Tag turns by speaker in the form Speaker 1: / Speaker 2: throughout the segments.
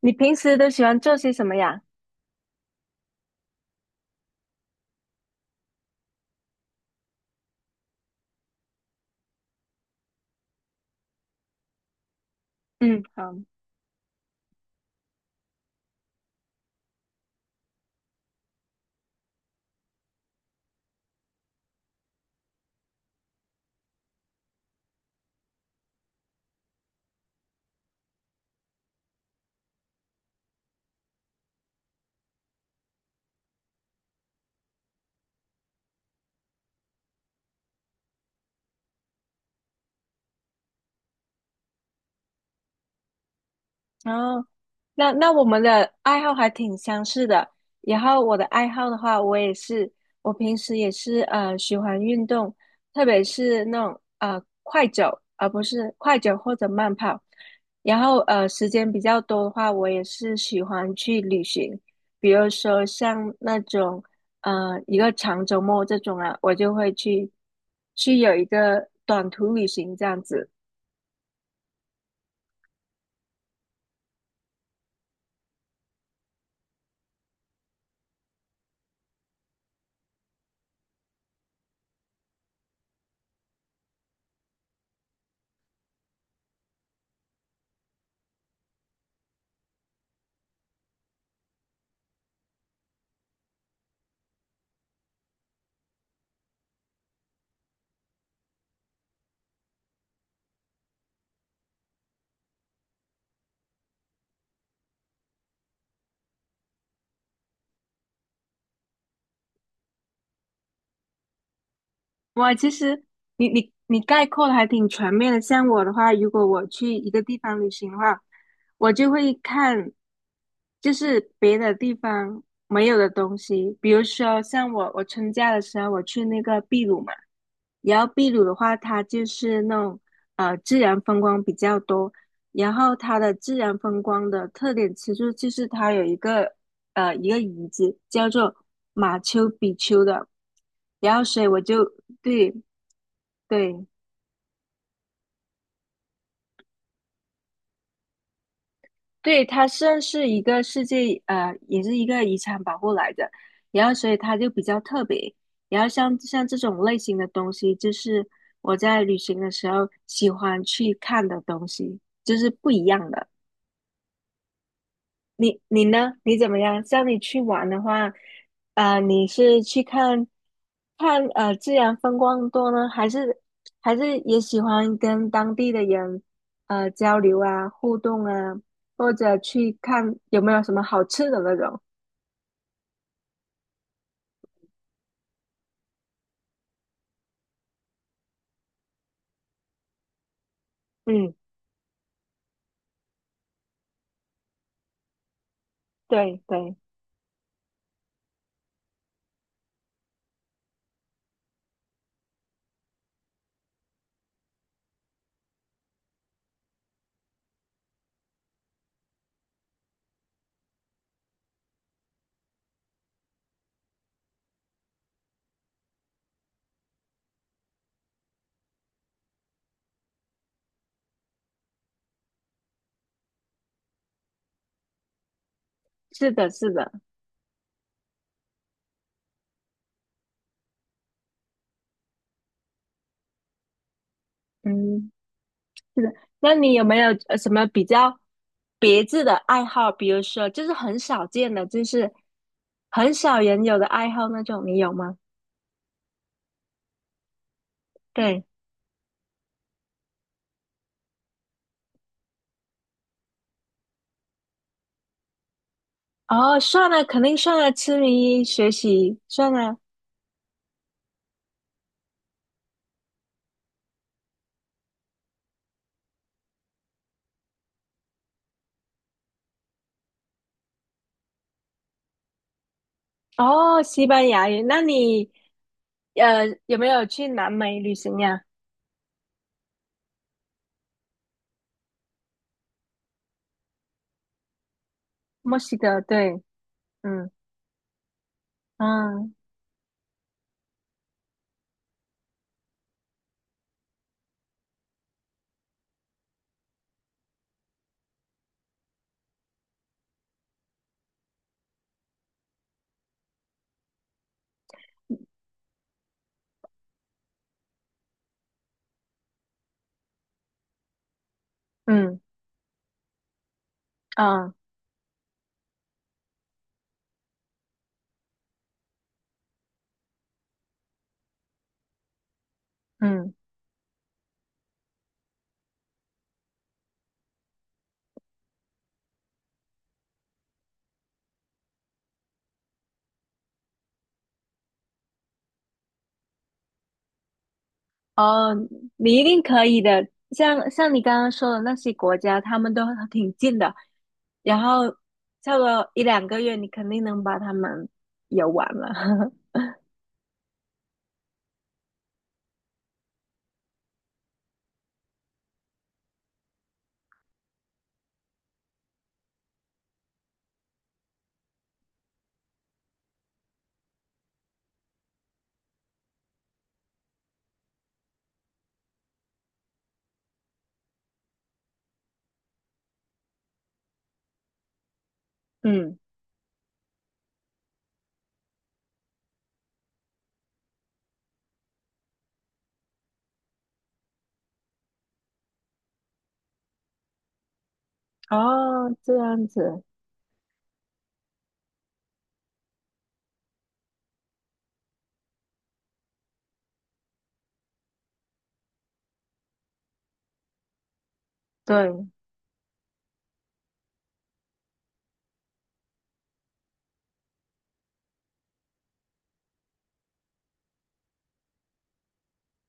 Speaker 1: 你平时都喜欢做些什么呀？嗯，好。然后那我们的爱好还挺相似的。然后我的爱好的话，我也是，我平时也是喜欢运动，特别是那种快走，而不是快走或者慢跑。然后时间比较多的话，我也是喜欢去旅行，比如说像那种一个长周末这种啊，我就会去有一个短途旅行这样子。哇，其实你概括的还挺全面的。像我的话，如果我去一个地方旅行的话，我就会看，就是别的地方没有的东西。比如说，像我春假的时候，我去那个秘鲁嘛。然后秘鲁的话，它就是那种自然风光比较多，然后它的自然风光的特点其实就是它有一个一个遗址叫做马丘比丘的。然后所以我就对。对对，它算是一个世界，也是一个遗产保护来的，然后所以它就比较特别。然后像这种类型的东西，就是我在旅行的时候喜欢去看的东西，就是不一样的。你你呢？你怎么样？像你去玩的话，啊、你是去看自然风光多呢，还是也喜欢跟当地的人交流啊、互动啊，或者去看有没有什么好吃的那种？嗯，对对，是的，是的，嗯，是的。那你有没有什么比较别致的爱好？比如说，就是很少见的，就是很少人有的爱好那种，你有吗？对。哦，算了，肯定算了，痴迷学习算了。哦，西班牙语，那你有没有去南美旅行呀？墨西哥，对，嗯嗯嗯嗯嗯。哦，你一定可以的。像你刚刚说的那些国家，他们都挺近的，然后差不多一两个月，你肯定能把他们游完了。嗯，哦，这样子，对，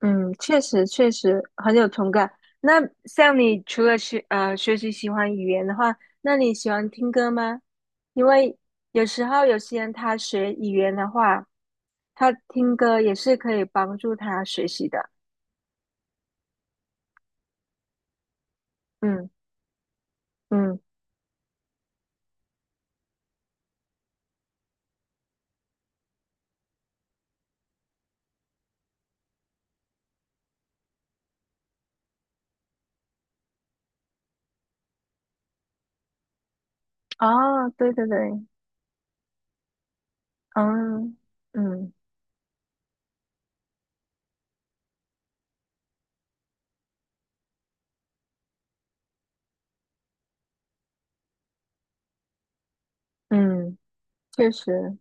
Speaker 1: 嗯，确实确实很有同感。那像你除了学习喜欢语言的话，那你喜欢听歌吗？因为有时候有些人他学语言的话，他听歌也是可以帮助他学习的。嗯嗯，哦，对对对，嗯嗯嗯，确实，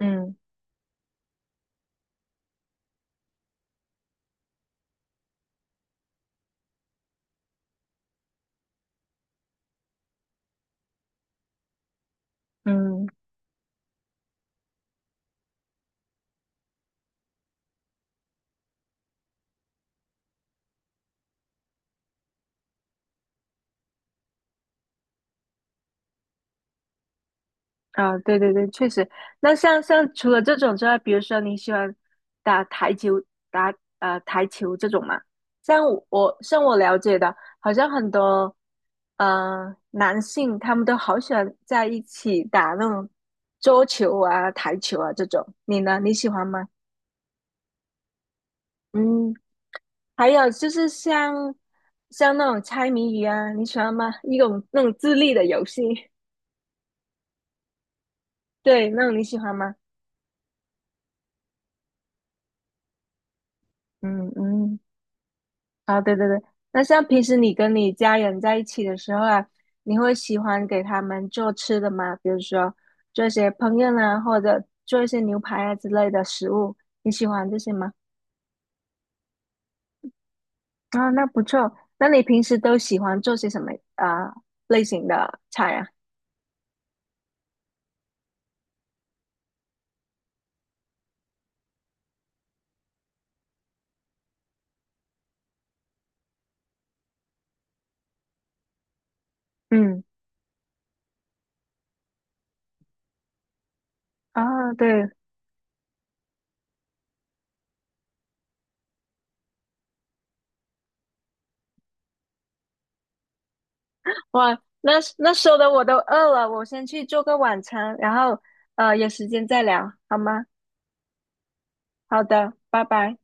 Speaker 1: 嗯嗯。啊，对对对，确实。那像除了这种之外，比如说你喜欢打台球、打台球这种嘛？像我像我了解的，好像很多男性他们都好喜欢在一起打那种桌球啊、台球啊这种。你呢？你喜欢吗？嗯，还有就是像那种猜谜语啊，你喜欢吗？一种那种智力的游戏，对，那种你喜欢吗？嗯嗯。啊，对对对，那像平时你跟你家人在一起的时候啊，你会喜欢给他们做吃的吗？比如说做一些烹饪啊，或者做一些牛排啊之类的食物，你喜欢这些吗？啊，那不错。那你平时都喜欢做些什么啊、类型的菜啊？嗯，啊，对，哇，那那说的我都饿了，我先去做个晚餐，然后有时间再聊，好吗？好的，拜拜。